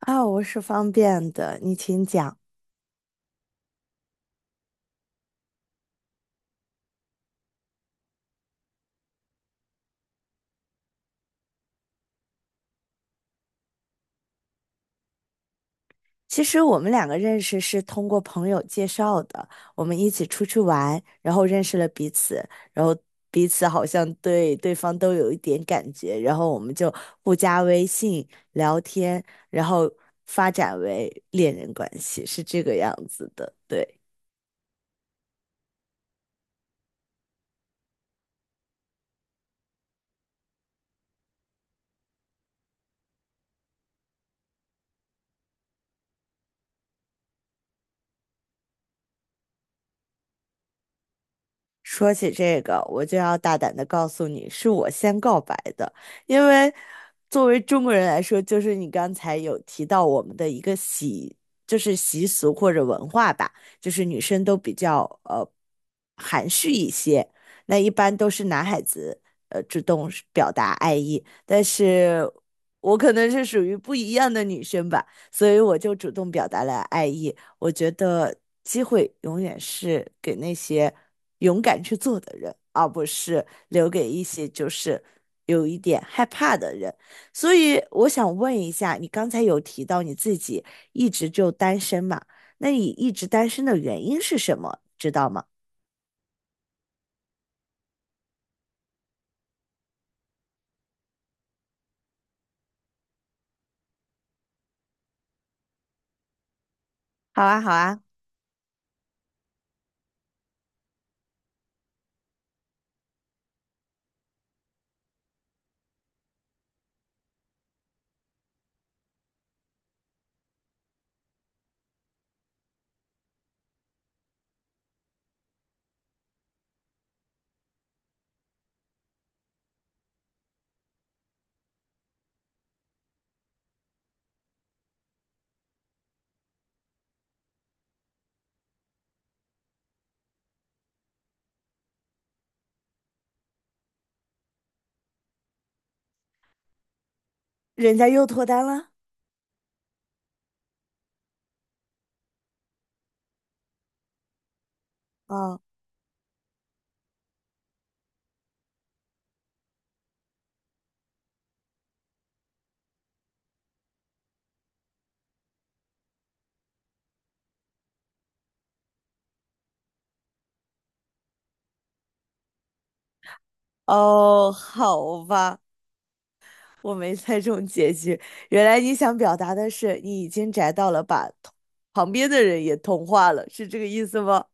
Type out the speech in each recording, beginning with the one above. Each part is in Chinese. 啊，我是方便的，你请讲。其实我们两个认识是通过朋友介绍的，我们一起出去玩，然后认识了彼此，然后彼此好像对对方都有一点感觉，然后我们就互加微信聊天，然后发展为恋人关系，是这个样子的，对。说起这个，我就要大胆的告诉你，是我先告白的，因为作为中国人来说，就是你刚才有提到我们的一个习，就是习俗或者文化吧，就是女生都比较含蓄一些，那一般都是男孩子主动是表达爱意，但是我可能是属于不一样的女生吧，所以我就主动表达了爱意，我觉得机会永远是给那些勇敢去做的人，而不是留给一些就是有一点害怕的人。所以我想问一下，你刚才有提到你自己一直就单身嘛？那你一直单身的原因是什么？知道吗？好啊，好啊，人家又脱单了？啊，哦，好吧，我没猜中结局。原来你想表达的是你已经宅到了，把同旁边的人也同化了，是这个意思吗？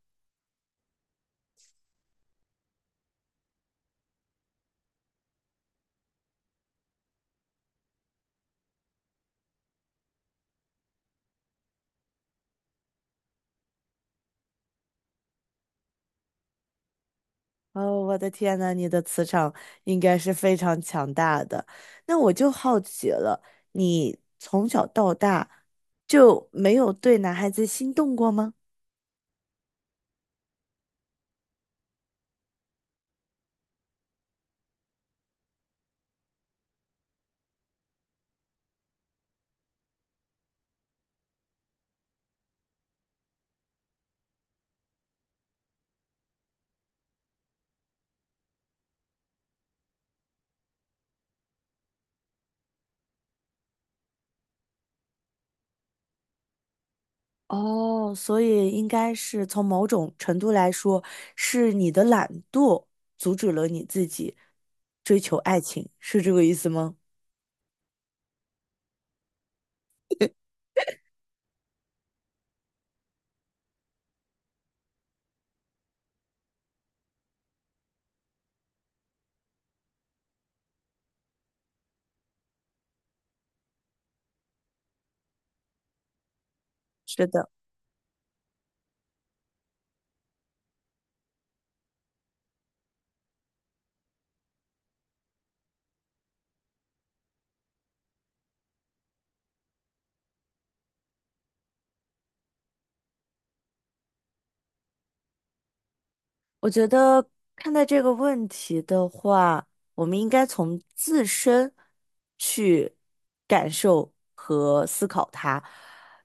哦，我的天呐，你的磁场应该是非常强大的。那我就好奇了，你从小到大就没有对男孩子心动过吗？哦，所以应该是从某种程度来说，是你的懒惰阻止了你自己追求爱情，是这个意思吗？是的。我觉得看待这个问题的话，我们应该从自身去感受和思考它。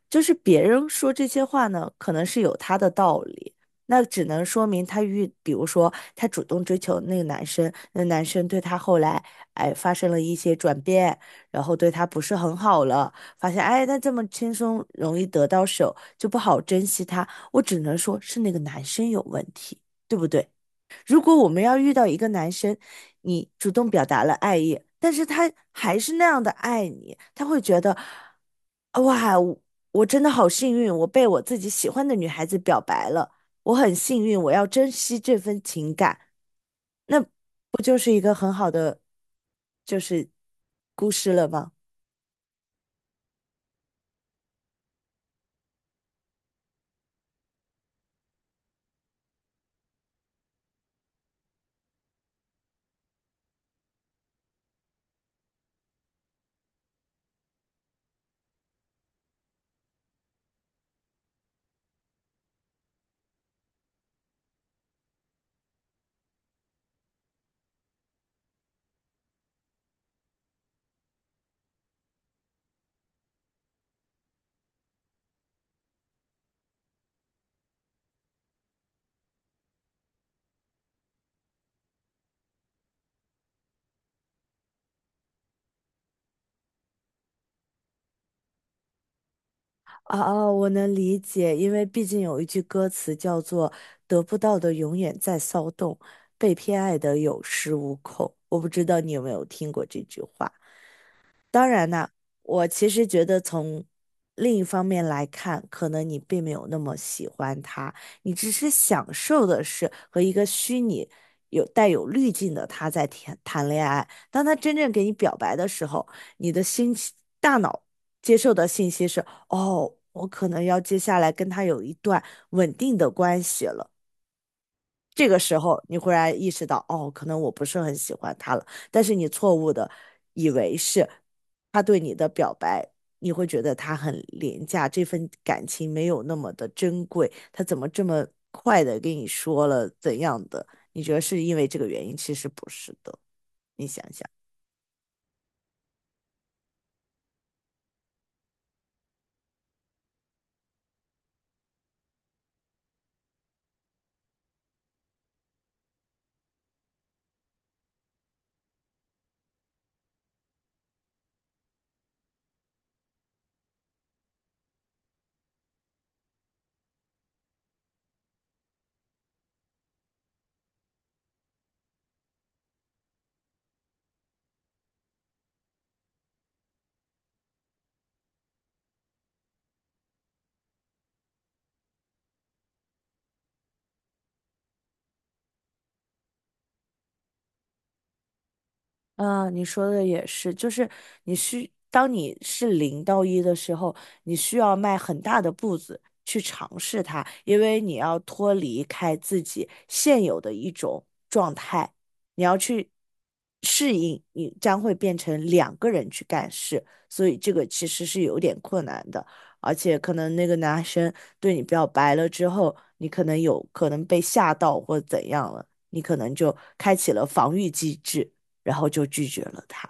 就是别人说这些话呢，可能是有他的道理，那只能说明他遇，比如说他主动追求那个男生，那男生对他后来哎发生了一些转变，然后对他不是很好了，发现哎他这么轻松容易得到手，就不好珍惜他。我只能说是那个男生有问题。对不对？如果我们要遇到一个男生，你主动表达了爱意，但是他还是那样的爱你，他会觉得，哇，我真的好幸运，我被我自己喜欢的女孩子表白了，我很幸运，我要珍惜这份情感，那不就是一个很好的就是故事了吗？啊啊，我能理解，因为毕竟有一句歌词叫做"得不到的永远在骚动，被偏爱的有恃无恐"。我不知道你有没有听过这句话。当然呢，我其实觉得从另一方面来看，可能你并没有那么喜欢他，你只是享受的是和一个虚拟有带有滤镜的他在谈恋爱。当他真正给你表白的时候，你的心情大脑接受的信息是：哦，我可能要接下来跟他有一段稳定的关系了。这个时候你忽然意识到，哦，可能我不是很喜欢他了，但是你错误的以为是他对你的表白，你会觉得他很廉价，这份感情没有那么的珍贵，他怎么这么快的跟你说了怎样的？你觉得是因为这个原因？其实不是的，你想想。啊，你说的也是，就是你需，当你是零到一的时候，你需要迈很大的步子去尝试它，因为你要脱离开自己现有的一种状态，你要去适应，你将会变成两个人去干事，所以这个其实是有点困难的，而且可能那个男生对你表白了之后，你可能有可能被吓到或怎样了，你可能就开启了防御机制。然后就拒绝了他。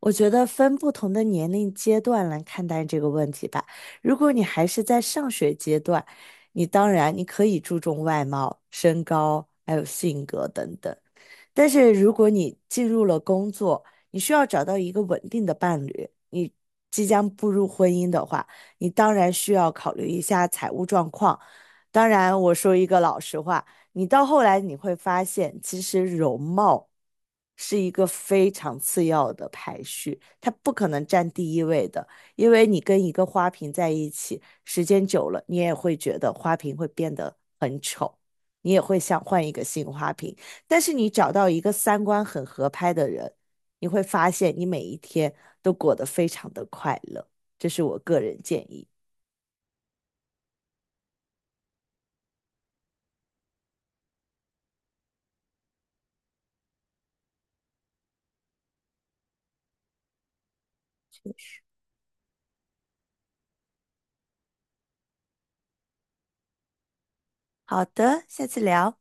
我觉得分不同的年龄阶段来看待这个问题吧。如果你还是在上学阶段，你当然你可以注重外貌、身高，还有性格等等。但是如果你进入了工作，你需要找到一个稳定的伴侣，你即将步入婚姻的话，你当然需要考虑一下财务状况。当然，我说一个老实话，你到后来你会发现，其实容貌是一个非常次要的排序，它不可能占第一位的，因为你跟一个花瓶在一起，时间久了，你也会觉得花瓶会变得很丑，你也会想换一个新花瓶。但是你找到一个三观很合拍的人，你会发现你每一天都过得非常的快乐。这是我个人建议。好的，下次聊。